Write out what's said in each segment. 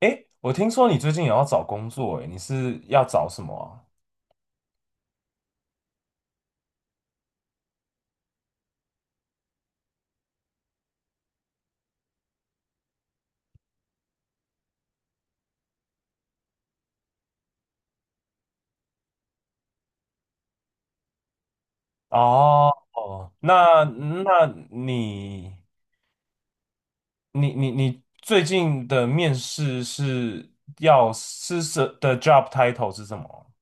诶，我听说你最近也要找工作，诶，你是要找什么啊？哦，哦那那你你你你最近的面试是要是什的 job title 是什么？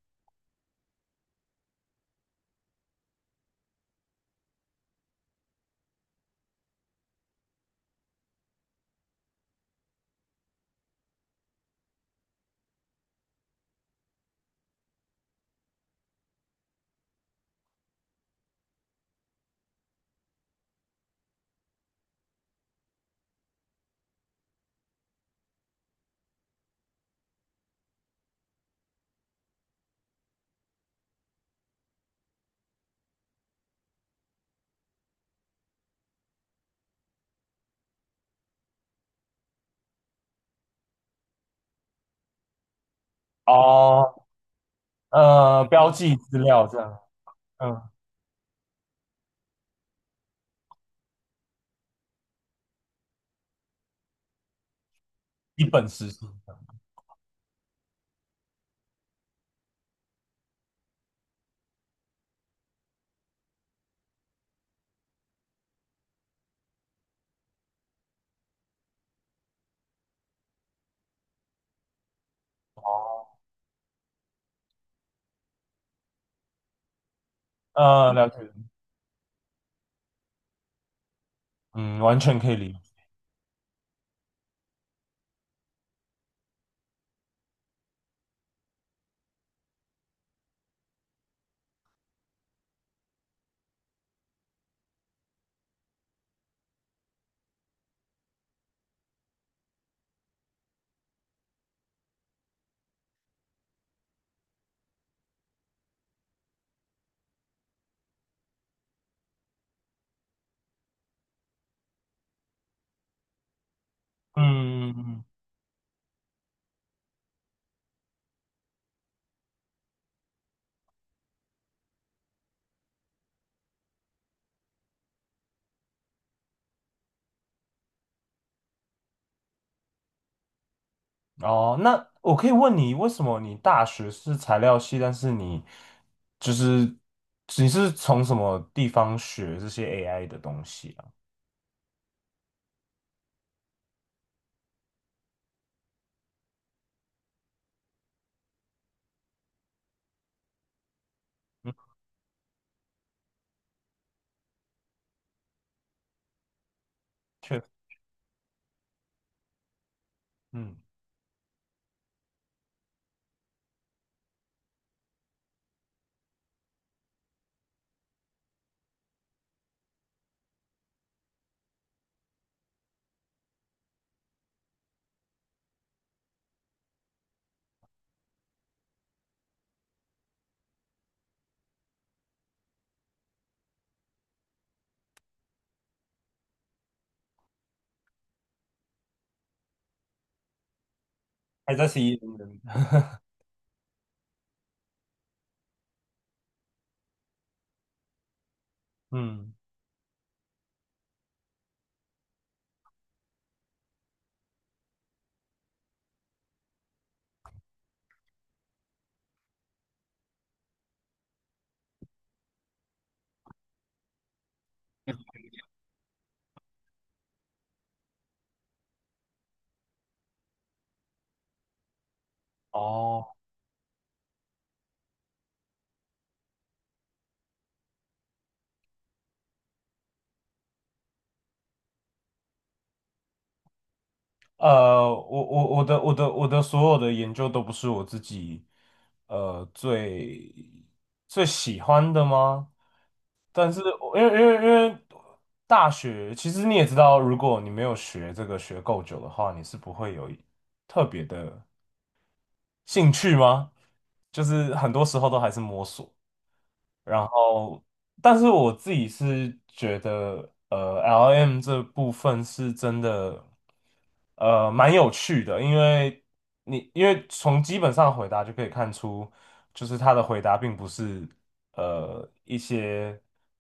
哦，呃，标记资料这样。嗯，一本实习。哦，呃，了解，嗯，完全可以理解。嗯。哦，那我可以问你，为什么你大学是材料系，但是你就是你是从什么地方学这些 AI 的东西啊？嗯，确，嗯，还在 C E 嗯，嗯，哦。我的所有的研究都不是我自己呃最最喜欢的吗？但是我因为因为因为大学，其实你也知道，如果你没有学这个学够久的话，你是不会有特别的兴趣吗？就是很多时候都还是摸索。然后，但是我自己是觉得，LM 这部分是真的，蛮有趣的，因为你因为从基本上回答就可以看出，就是他的回答并不是一些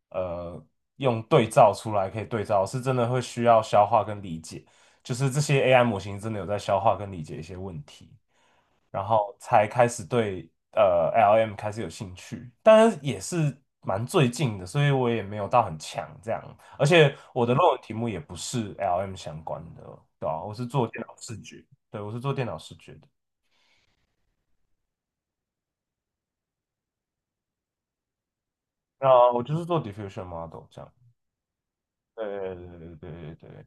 呃用对照出来可以对照，是真的会需要消化跟理解，就是这些 AI 模型真的有在消化跟理解一些问题。然后才开始对LM 开始有兴趣，当然也是蛮最近的，所以我也没有到很强这样，而且我的论文题目也不是 LM 相关的。对啊，我是做电脑视觉。对，我是做电脑视觉的。那我就是做 diffusion model 这样。对对对对对对对。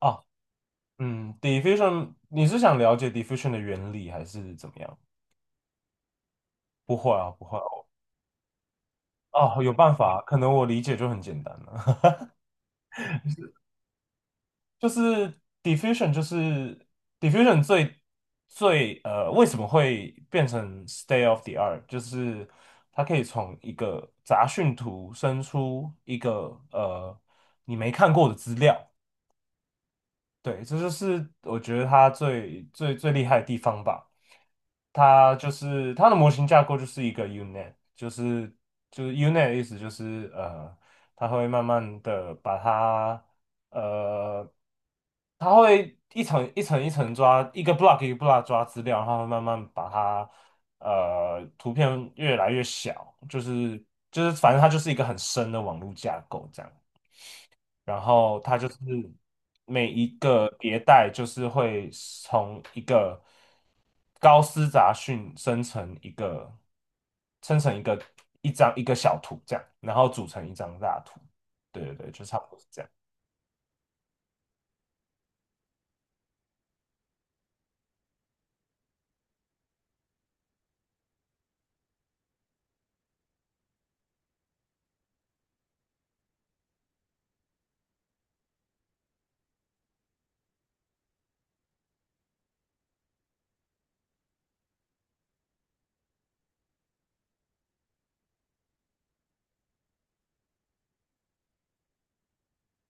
哦。嗯，diffusion，你是想了解 diffusion 的原理还是怎么样？不会啊，不会啊。哦，有办法啊，可能我理解就很简单了。就是 diffusion，就是 diffusion 最为什么会变成 state of the art？就是它可以从一个杂讯图生出一个你没看过的资料。对，这就是我觉得它最最最厉害的地方吧。它就是它的模型架构就是一个 unit，就是unit 的意思就是它会慢慢的把它呃，它会一层一层一层抓，一个 block 一个 block 抓资料，然后它会慢慢把它图片越来越小，就是就是反正它就是一个很深的网络架构这样。然后它就是每一个迭代就是会从一个高斯杂讯生成一个生成一个一张一个小图这样，然后组成一张大图。对对对，就差不多是这样。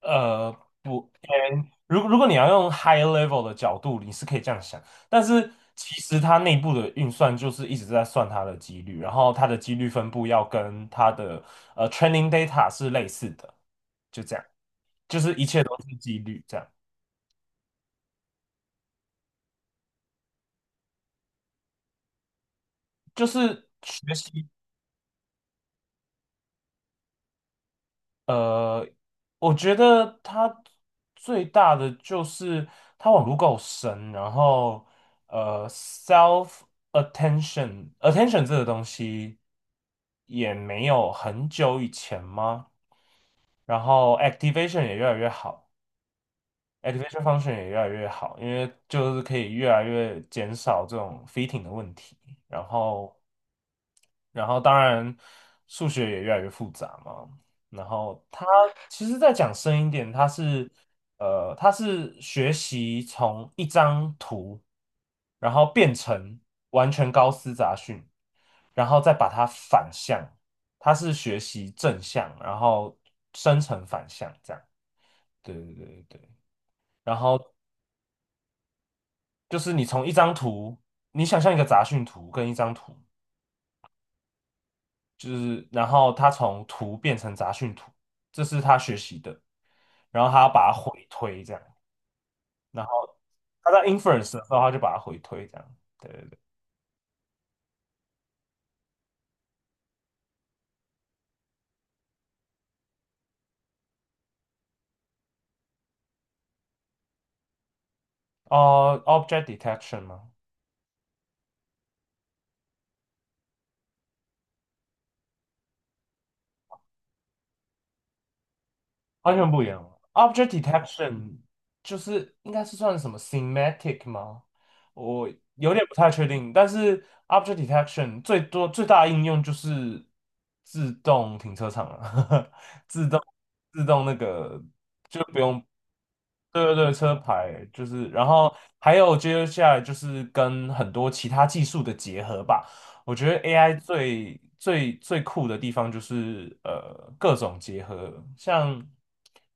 呃，不，嗯，如果你要用 high level 的角度，你是可以这样想，但是其实它内部的运算就是一直在算它的几率，然后它的几率分布要跟它的training data 是类似的。就这样，就是一切都是几率，这样就是学习。呃，我觉得它最大的就是它网路够深，然后self attention 这个东西也没有很久以前吗？然后 activation 也越来越好，activation function 也越来越好，因为就是可以越来越减少这种 fitting 的问题，然后。然后当然数学也越来越复杂嘛。然后他其实再讲深一点，他是他是学习从一张图，然后变成完全高斯杂讯，然后再把它反向，他是学习正向，然后生成反向这样。对对对对对。然后就是你从一张图，你想象一个杂讯图跟一张图。就是然后他从图变成杂讯图，这是他学习的，然后他要把它回推这样，然后他在 inference 的时候他就把它回推这样。对对对。哦、o b j e c t detection 吗？完全不一样，object detection 就是应该是算什么 semantic 吗？我有点不太确定，但是 object detection 最多最大的应用就是自动停车场了，自动自动那个。就不用。对对对，车牌就是，然后还有接下来就是跟很多其他技术的结合吧。我觉得 AI 最最最酷的地方就是各种结合，像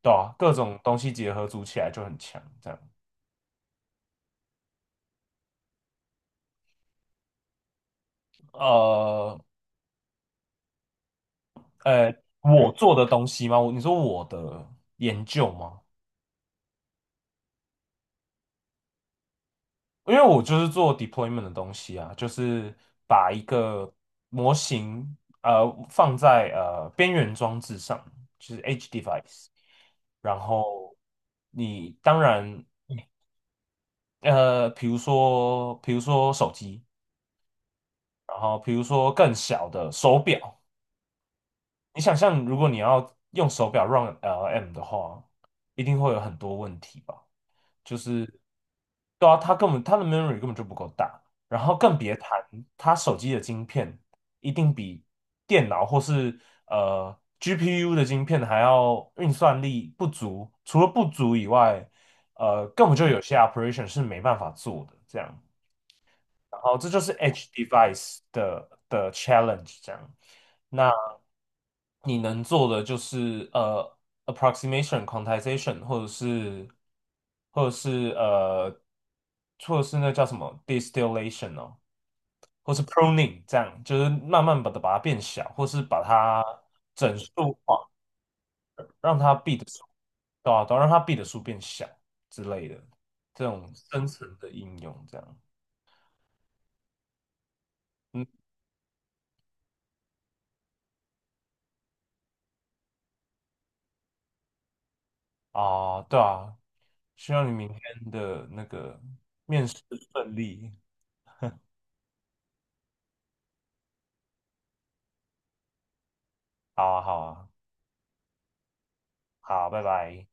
对啊，各种东西结合组起来就很强。这样，呃呃，我做的东西吗？我你说我的研究吗？因为我就是做 deployment 的东西啊，就是把一个模型放在边缘装置上，就是 edge device，然后你当然比如说手机，然后比如说更小的手表，你想象，如果你要用手表 run LM 的话，一定会有很多问题吧？就是，对啊，它根本它的 memory 根本就不够大，然后更别谈它手机的晶片一定比电脑或是GPU 的晶片还要运算力不足，除了不足以外，根本就有些 operation 是没办法做的，这样。然后这就是 edge device 的 challenge 这样。那你能做的就是approximation、quantization，或者是或者是呃，或者是那叫什么 distillation 哦，或是 pruning 这样，就是慢慢把它变小，或是把它整数化，让它 b 的数，对吧、啊？对啊让它 b 的数变小之类的，这种深层的应用这样。嗯。啊，对啊，希望你明天的那个面试顺利。好啊，好啊，好，拜拜。